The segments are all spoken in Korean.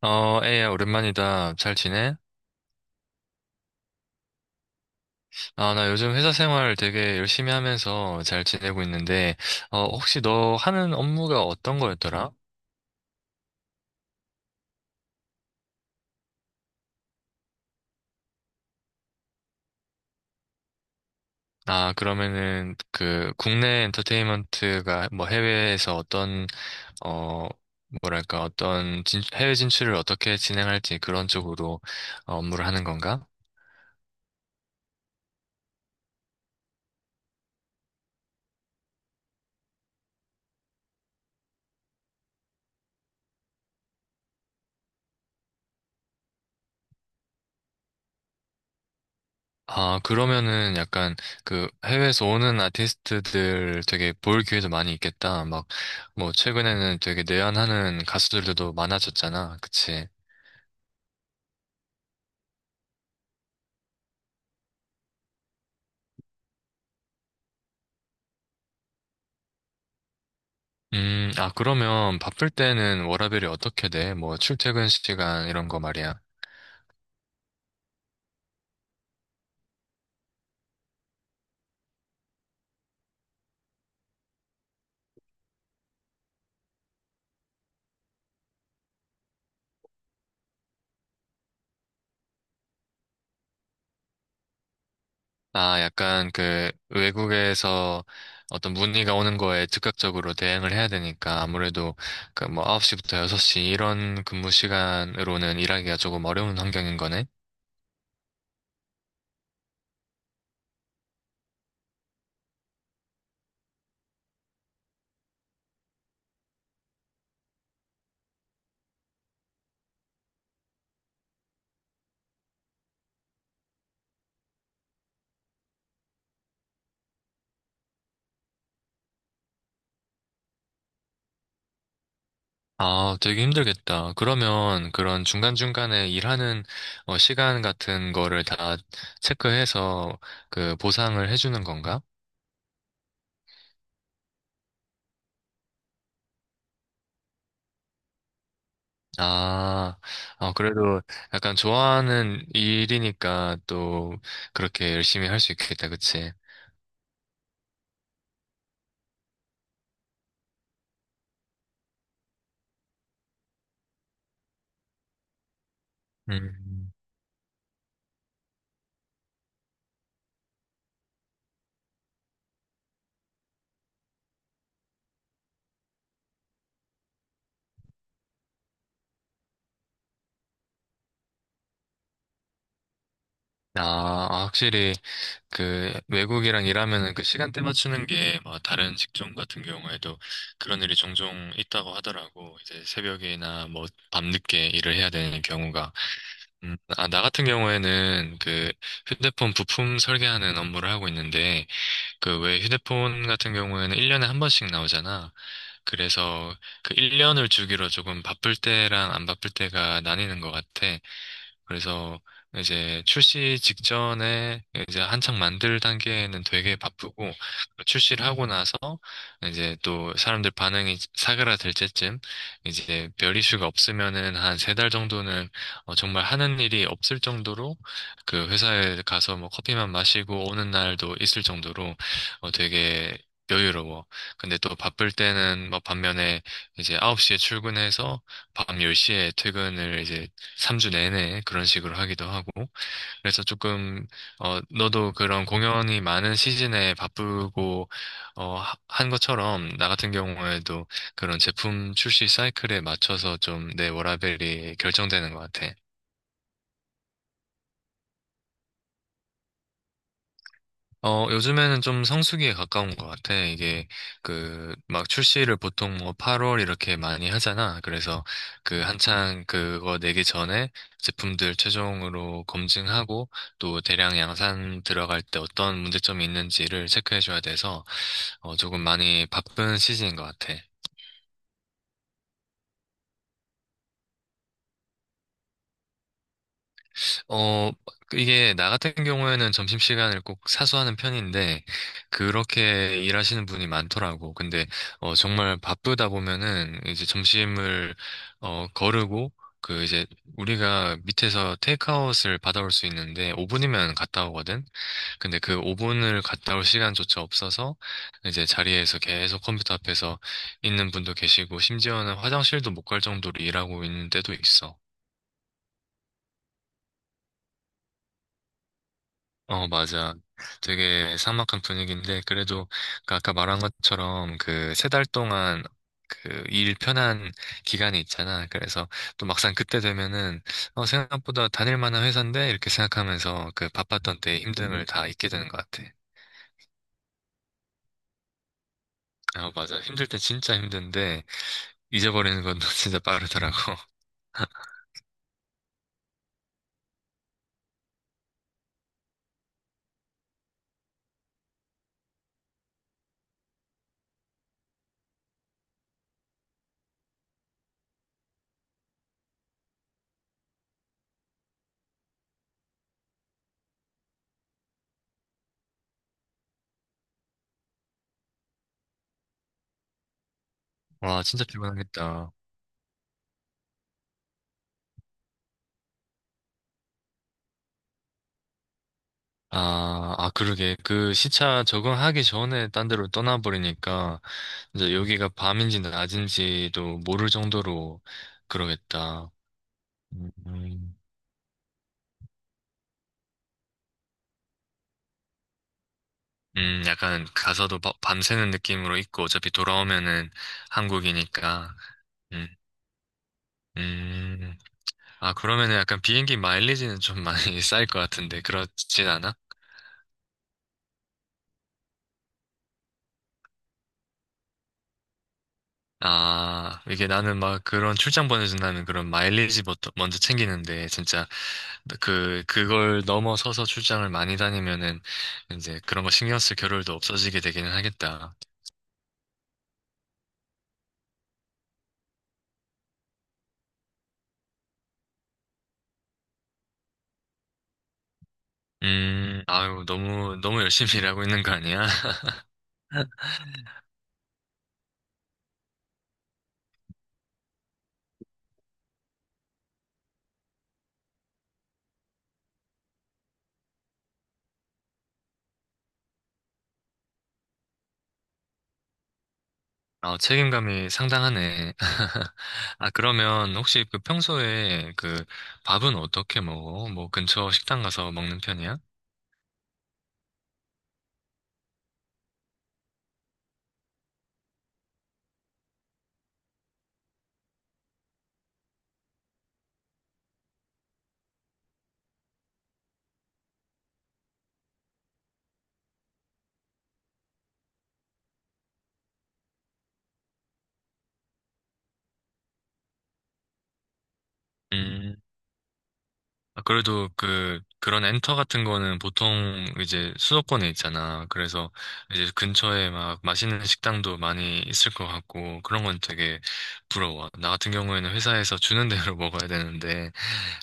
에이야, 오랜만이다. 잘 지내? 아, 나 요즘 회사 생활 되게 열심히 하면서 잘 지내고 있는데, 혹시 너 하는 업무가 어떤 거였더라? 아, 그러면은, 그, 국내 엔터테인먼트가 뭐 해외에서 어떤, 어, 뭐랄까, 어떤 해외 진출을 어떻게 진행할지 그런 쪽으로 업무를 하는 건가? 아, 그러면은 약간 그 해외에서 오는 아티스트들 되게 볼 기회도 많이 있겠다. 막, 뭐, 최근에는 되게 내한하는 가수들도 많아졌잖아. 그치? 아, 그러면 바쁠 때는 워라밸이 어떻게 돼? 뭐, 출퇴근 시간 이런 거 말이야. 아, 약간 그 외국에서 어떤 문의가 오는 거에 즉각적으로 대응을 해야 되니까 아무래도 그 뭐 9시부터 6시 이런 근무 시간으로는 일하기가 조금 어려운 환경인 거네. 아, 되게 힘들겠다. 그러면 그런 중간중간에 일하는 시간 같은 거를 다 체크해서 그 보상을 해주는 건가? 아, 그래도 약간 좋아하는 일이니까 또 그렇게 열심히 할 수 있겠다, 그치? 음. 아, 아, 확실히 그 외국이랑 일하면은 그 시간대 맞추는 게 뭐 다른 직종 같은 경우에도 그런 일이 종종 있다고 하더라고. 이제 새벽이나 뭐 밤늦게 일을 해야 되는 경우가. 아, 나 같은 경우에는 그 휴대폰 부품 설계하는 업무를 하고 있는데 그 왜 휴대폰 같은 경우에는 1년에 한 번씩 나오잖아. 그래서 그 1년을 주기로 조금 바쁠 때랑 안 바쁠 때가 나뉘는 것 같아. 그래서 이제 출시 직전에 이제 한창 만들 단계에는 되게 바쁘고 출시를 하고 나서 이제 또 사람들 반응이 사그라들 때쯤 이제 별 이슈가 없으면은 한 3달 정도는 정말 하는 일이 없을 정도로 그 회사에 가서 뭐 커피만 마시고 오는 날도 있을 정도로 되게 여유로워. 근데 또 바쁠 때는 뭐 반면에 이제 9시에 출근해서 밤 10시에 퇴근을 이제 3주 내내 그런 식으로 하기도 하고, 그래서 조금, 너도 그런 공연이 많은 시즌에 바쁘고, 한 것처럼, 나 같은 경우에도 그런 제품 출시 사이클에 맞춰서 좀 내 워라밸이 결정되는 것 같아. 요즘에는 좀 성수기에 가까운 것 같아. 이게, 그, 막 출시를 보통 뭐 8월 이렇게 많이 하잖아. 그래서 그 한창 그거 내기 전에 제품들 최종으로 검증하고 또 대량 양산 들어갈 때 어떤 문제점이 있는지를 체크해줘야 돼서 조금 많이 바쁜 시즌인 것 같아. 어, 이게 나 같은 경우에는 점심시간을 꼭 사수하는 편인데, 그렇게 일하시는 분이 많더라고. 근데, 정말 바쁘다 보면은, 이제 점심을, 거르고, 그 이제 우리가 밑에서 테이크아웃을 받아올 수 있는데 5분이면 갔다 오거든. 근데 그 5분을 갔다 올 시간조차 없어서 이제 자리에서 계속 컴퓨터 앞에서 있는 분도 계시고 심지어는 화장실도 못 갈 정도로 일하고 있는 때도 있어. 어, 맞아. 되게 삭막한 분위기인데, 그래도 그 아까 말한 것처럼 그 세 달 동안 그 일 편한 기간이 있잖아. 그래서 또 막상 그때 되면은, 생각보다 다닐 만한 회사인데? 이렇게 생각하면서 그 바빴던 때의 힘듦을 다 잊게 되는 것 같아. 어, 맞아. 힘들 때 진짜 힘든데, 잊어버리는 건 진짜 빠르더라고. 와, 진짜 피곤하겠다. 아, 아, 그러게. 그 시차 적응하기 전에 딴 데로 떠나버리니까, 이제 여기가 밤인지 낮인지도 모를 정도로 그러겠다. 음, 약간 가서도 밤새는 느낌으로 있고, 어차피 돌아오면은 한국이니까. 음, 음. 아, 그러면은 약간 비행기 마일리지는 좀 많이 쌓일 것 같은데, 그렇진 않아? 아, 이게 나는 막 그런 출장 보내준다는 그런 마일리지 먼저 먼저 챙기는데, 진짜, 그, 그걸 넘어서서 출장을 많이 다니면은, 이제 그런 거 신경 쓸 겨를도 없어지게 되기는 하겠다. 아유, 너무, 너무 열심히 일하고 있는 거 아니야? 아, 책임감이 상당하네. 아, 그러면 혹시 그 평소에 그 밥은 어떻게 먹어? 뭐 근처 식당 가서 먹는 편이야? 음, 아, 그래도 그 그런 엔터 같은 거는 보통 이제 수도권에 있잖아. 그래서 이제 근처에 막 맛있는 식당도 많이 있을 것 같고 그런 건 되게 부러워. 나 같은 경우에는 회사에서 주는 대로 먹어야 되는데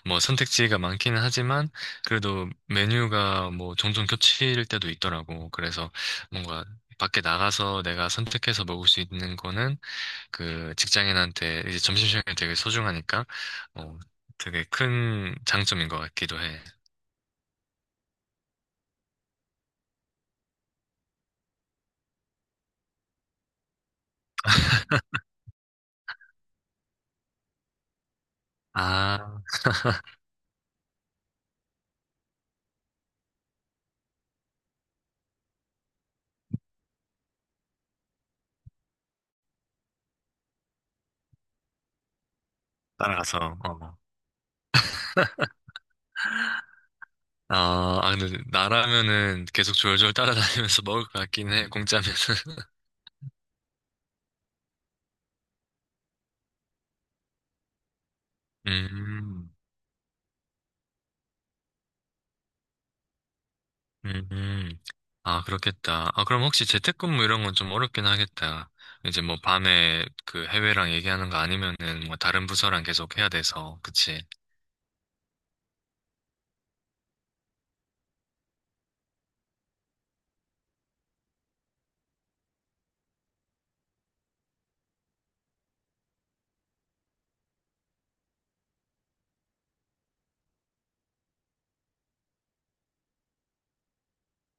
뭐 선택지가 많기는 하지만 그래도 메뉴가 뭐 종종 겹칠 때도 있더라고. 그래서 뭔가 밖에 나가서 내가 선택해서 먹을 수 있는 거는 그 직장인한테 이제 점심시간이 되게 소중하니까 어, 되게 큰 장점인 것 같기도 해. 아, 따라가서. 어. 아, 아, 근데 나라면은 계속 졸졸 따라다니면서 먹을 것 같긴 해, 공짜면은. 음, 음, 음. 아, 그렇겠다. 아, 그럼 혹시 재택근무 이런 건 좀 어렵긴 하겠다. 이제 뭐 밤에 그 해외랑 얘기하는 거 아니면은 뭐 다른 부서랑 계속 해야 돼서, 그치?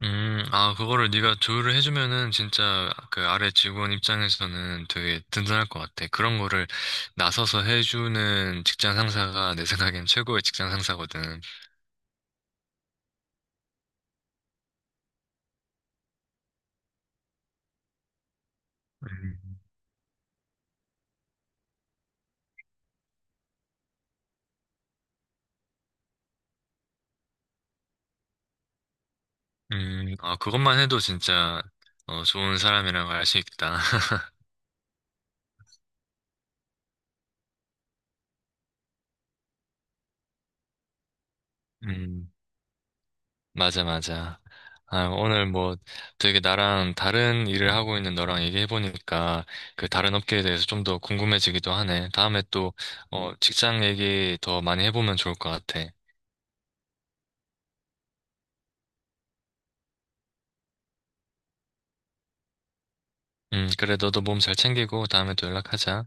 아, 그거를 네가 조율을 해주면은 진짜 그 아래 직원 입장에서는 되게 든든할 것 같아. 그런 거를 나서서 해주는 직장 상사가 내 생각엔 최고의 직장 상사거든. 음, 아, 그것만 해도 진짜 좋은 사람이라고 알 수 있다. 음. 맞아, 맞아. 아, 오늘 뭐 되게 나랑 다른 일을 하고 있는 너랑 얘기해보니까 그 다른 업계에 대해서 좀 더 궁금해지기도 하네. 다음에 또, 직장 얘기 더 많이 해보면 좋을 것 같아. 그래, 너도 몸 잘 챙기고 다음에 또 연락하자.